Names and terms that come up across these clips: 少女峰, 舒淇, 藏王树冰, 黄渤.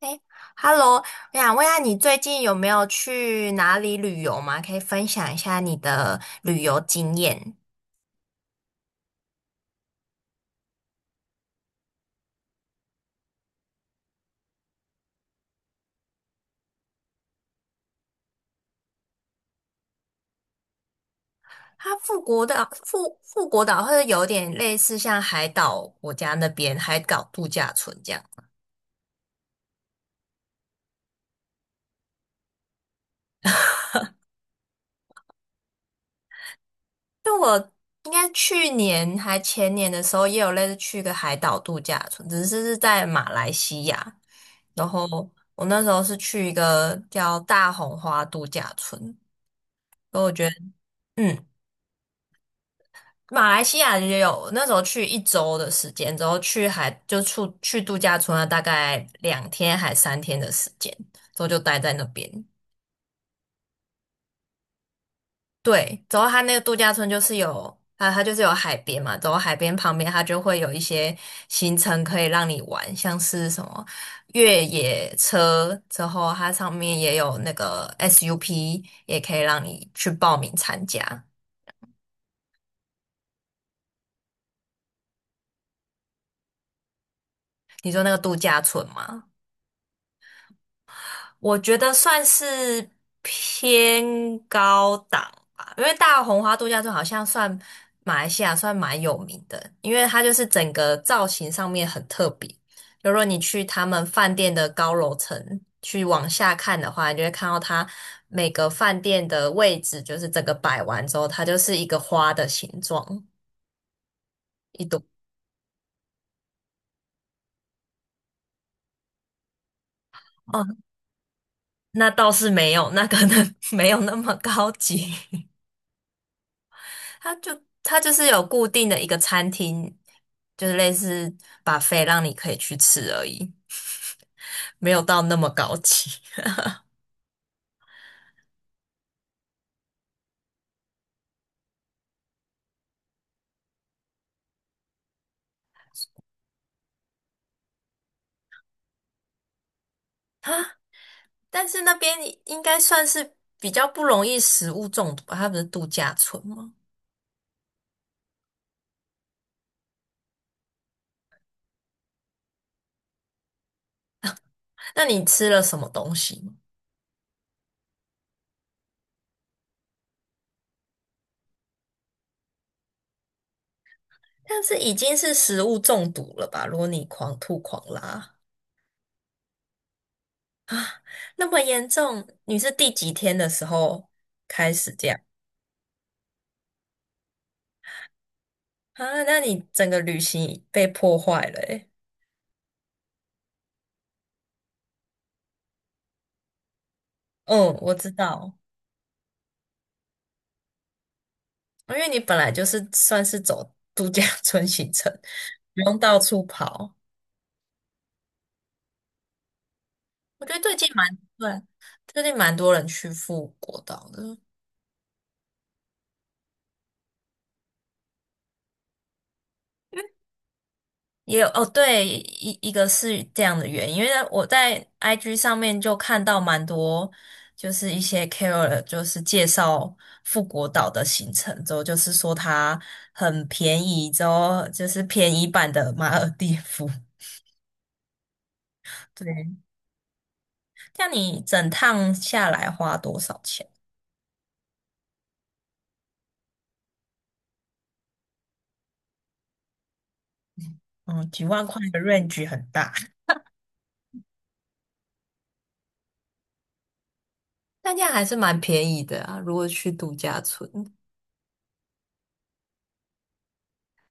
哎，Hello，我想问一下，你最近有没有去哪里旅游吗？可以分享一下你的旅游经验。它富国岛、富国岛或者有点类似像海岛国家那边海岛度假村这样。应该去年还前年的时候，也有类似去一个海岛度假村，只是是在马来西亚。然后我那时候是去一个叫大红花度假村，所以我觉得，嗯。马来西亚也有，那时候去一周的时间，之后去海就出去度假村了，大概2天还3天的时间，之后就待在那边。对，之后它那个度假村就是有，它就是有海边嘛，之后海边旁边它就会有一些行程可以让你玩，像是什么越野车，之后它上面也有那个 SUP，也可以让你去报名参加。你说那个度假村吗？我觉得算是偏高档吧，因为大红花度假村好像算马来西亚算蛮有名的，因为它就是整个造型上面很特别。就如果你去他们饭店的高楼层去往下看的话，你就会看到它每个饭店的位置，就是整个摆完之后，它就是一个花的形状，一朵。哦，那倒是没有，那可能 没有那么高级。它是有固定的一个餐厅，就是类似把 u 让你可以去吃而已，没有到那么高级 啊。但是那边应该算是比较不容易食物中毒吧？它不是度假村吗？那你吃了什么东西吗？但是已经是食物中毒了吧？如果你狂吐狂拉那么严重，你是第几天的时候开始这样啊？那你整个旅行被破坏了欸。嗯，我知道。因为你本来就是算是走度假 村行程，不用到处跑。我觉得最近蛮对，最近蛮多人去富国岛的，也有哦，对，一个是这样的原因，因为我在 IG 上面就看到蛮多，就是一些 c KOL 就是介绍富国岛的行程，之后就是说它很便宜，之后就是便宜版的马尔地夫。对，像你整趟下来花多少钱？嗯，几万块的 range 很大。但这样还是蛮便宜的啊，如果去度假村。嗯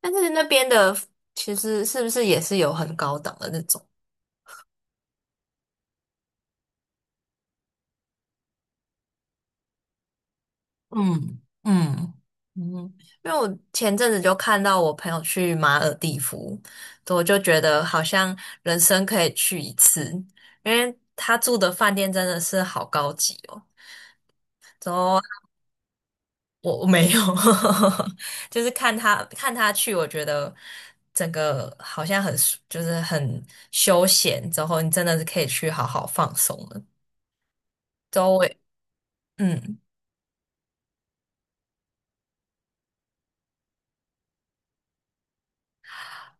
但是那边的其实是不是也是有很高档的那种？嗯，嗯嗯，因为我前阵子就看到我朋友去马尔地夫，我就觉得好像人生可以去一次，因为他住的饭店真的是好高级哦。之后我没有，就是看他去，我觉得整个好像很舒就是很休闲，之后你真的是可以去好好放松了。周围，嗯，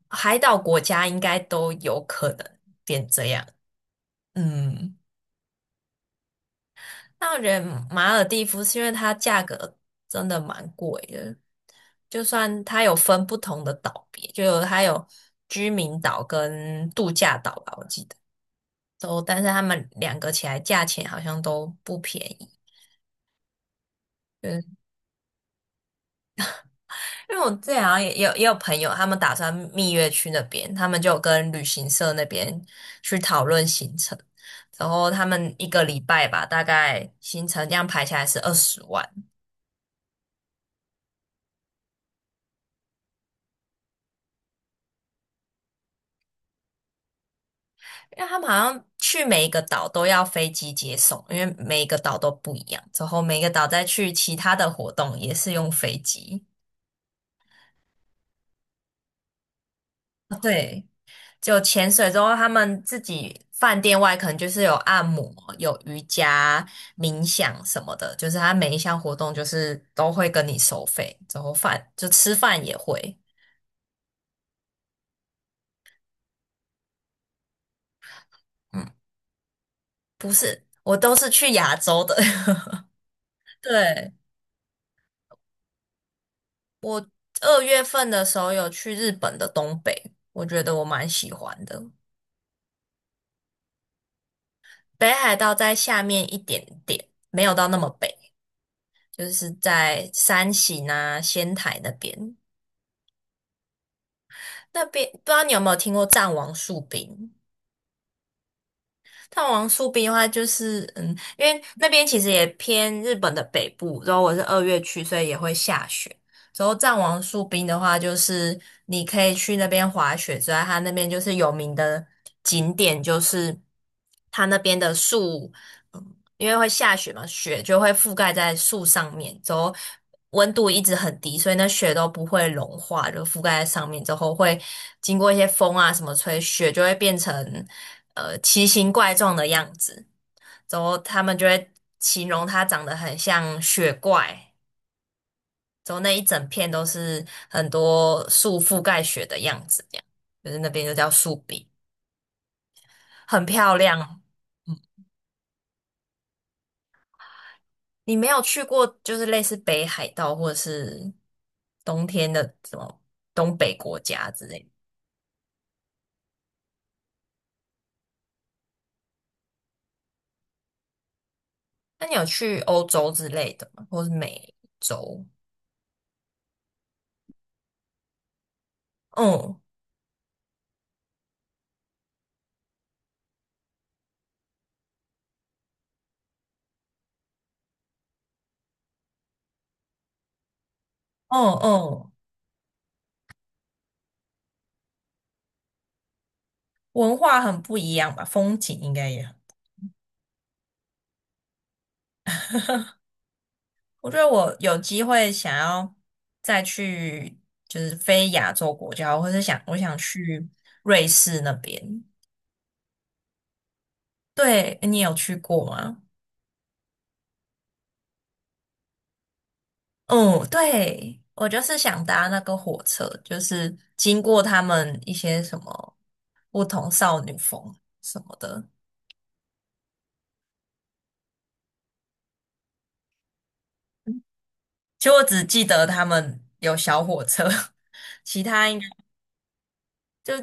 海岛国家应该都有可能变这样。嗯，那我觉得马尔蒂夫是因为它价格真的蛮贵的，就算它有分不同的岛别，就有它有居民岛跟度假岛吧，我记得。都，但是他们两个起来价钱好像都不便宜。嗯，因为我之前好像也有朋友，他们打算蜜月去那边，他们就有跟旅行社那边去讨论行程，然后他们一个礼拜吧，大概行程这样排下来是20万，因为他们好像去每一个岛都要飞机接送，因为每一个岛都不一样，之后每一个岛再去其他的活动也是用飞机。对，就潜水之后，他们自己饭店外可能就是有按摩、有瑜伽、冥想什么的，就是他每一项活动就是都会跟你收费，之后饭就吃饭也会。嗯，不是，我都是去亚洲的。对，我2月份的时候有去日本的东北，我觉得我蛮喜欢的。北海道在下面一点点，没有到那么北，就是在山形啊、仙台那边。那边不知道你有没有听过藏王树冰？藏王树冰的话，就是嗯，因为那边其实也偏日本的北部，然后我是二月去，所以也会下雪。之后藏王树冰的话，就是你可以去那边滑雪之外，它那边就是有名的景点，就是它那边的树，嗯，因为会下雪嘛，雪就会覆盖在树上面，之后温度一直很低，所以那雪都不会融化，就覆盖在上面之后，会经过一些风啊什么吹，雪就会变成奇形怪状的样子，之后他们就会形容它长得很像雪怪。走那一整片都是很多树覆盖雪的样子，这样就是那边就叫树壁，很漂亮。嗯，你没有去过就是类似北海道或者是冬天的什么东北国家之类的那你有去欧洲之类的吗？或是美洲？嗯嗯嗯，文化很不一样吧，风景应该也很。我觉得我有机会想要再去，就是非亚洲国家，或是我想去瑞士那边。对，你有去过吗？嗯，对，我就是想搭那个火车，就是经过他们一些什么不同少女峰什么的。其实我只记得他们有小火车，其他应该。就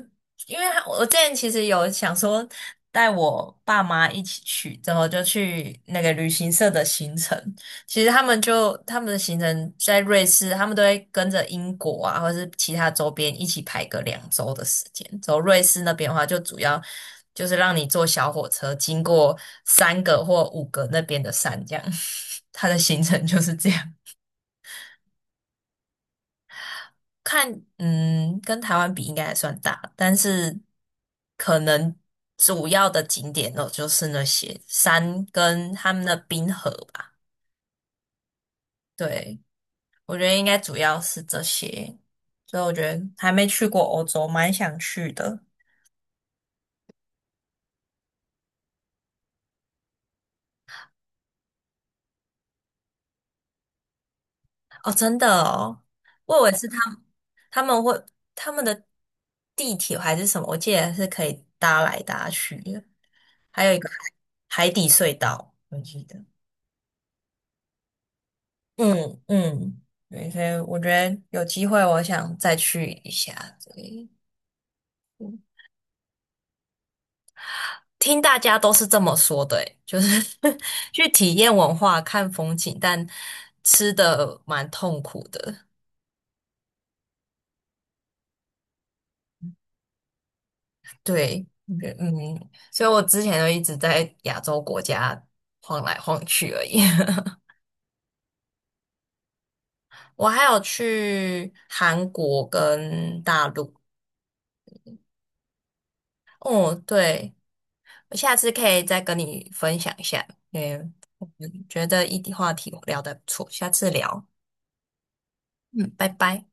因为他我之前其实有想说带我爸妈一起去，之后就去那个旅行社的行程。其实他们的行程在瑞士，他们都会跟着英国啊，或是其他周边一起排个2周的时间。走瑞士那边的话，就主要就是让你坐小火车经过三个或五个那边的山，这样。他的行程就是这样。看，嗯，跟台湾比应该还算大，但是可能主要的景点哦就是那些山跟他们的冰河吧。对，我觉得应该主要是这些，所以我觉得还没去过欧洲，蛮想去的。哦，真的哦，我以为是他们会他们的地铁还是什么，我记得是可以搭来搭去的，还有一个海底隧道，我记得。嗯嗯，对，所以我觉得有机会我想再去一下。里。听大家都是这么说的欸就是 去体验文化、看风景，但吃的蛮痛苦的。对，嗯嗯，所以我之前就一直在亚洲国家晃来晃去而已。我还有去韩国跟大陆。哦，对。我下次可以再跟你分享一下，因为我觉得一题话题我聊得不错，下次聊，嗯，拜拜。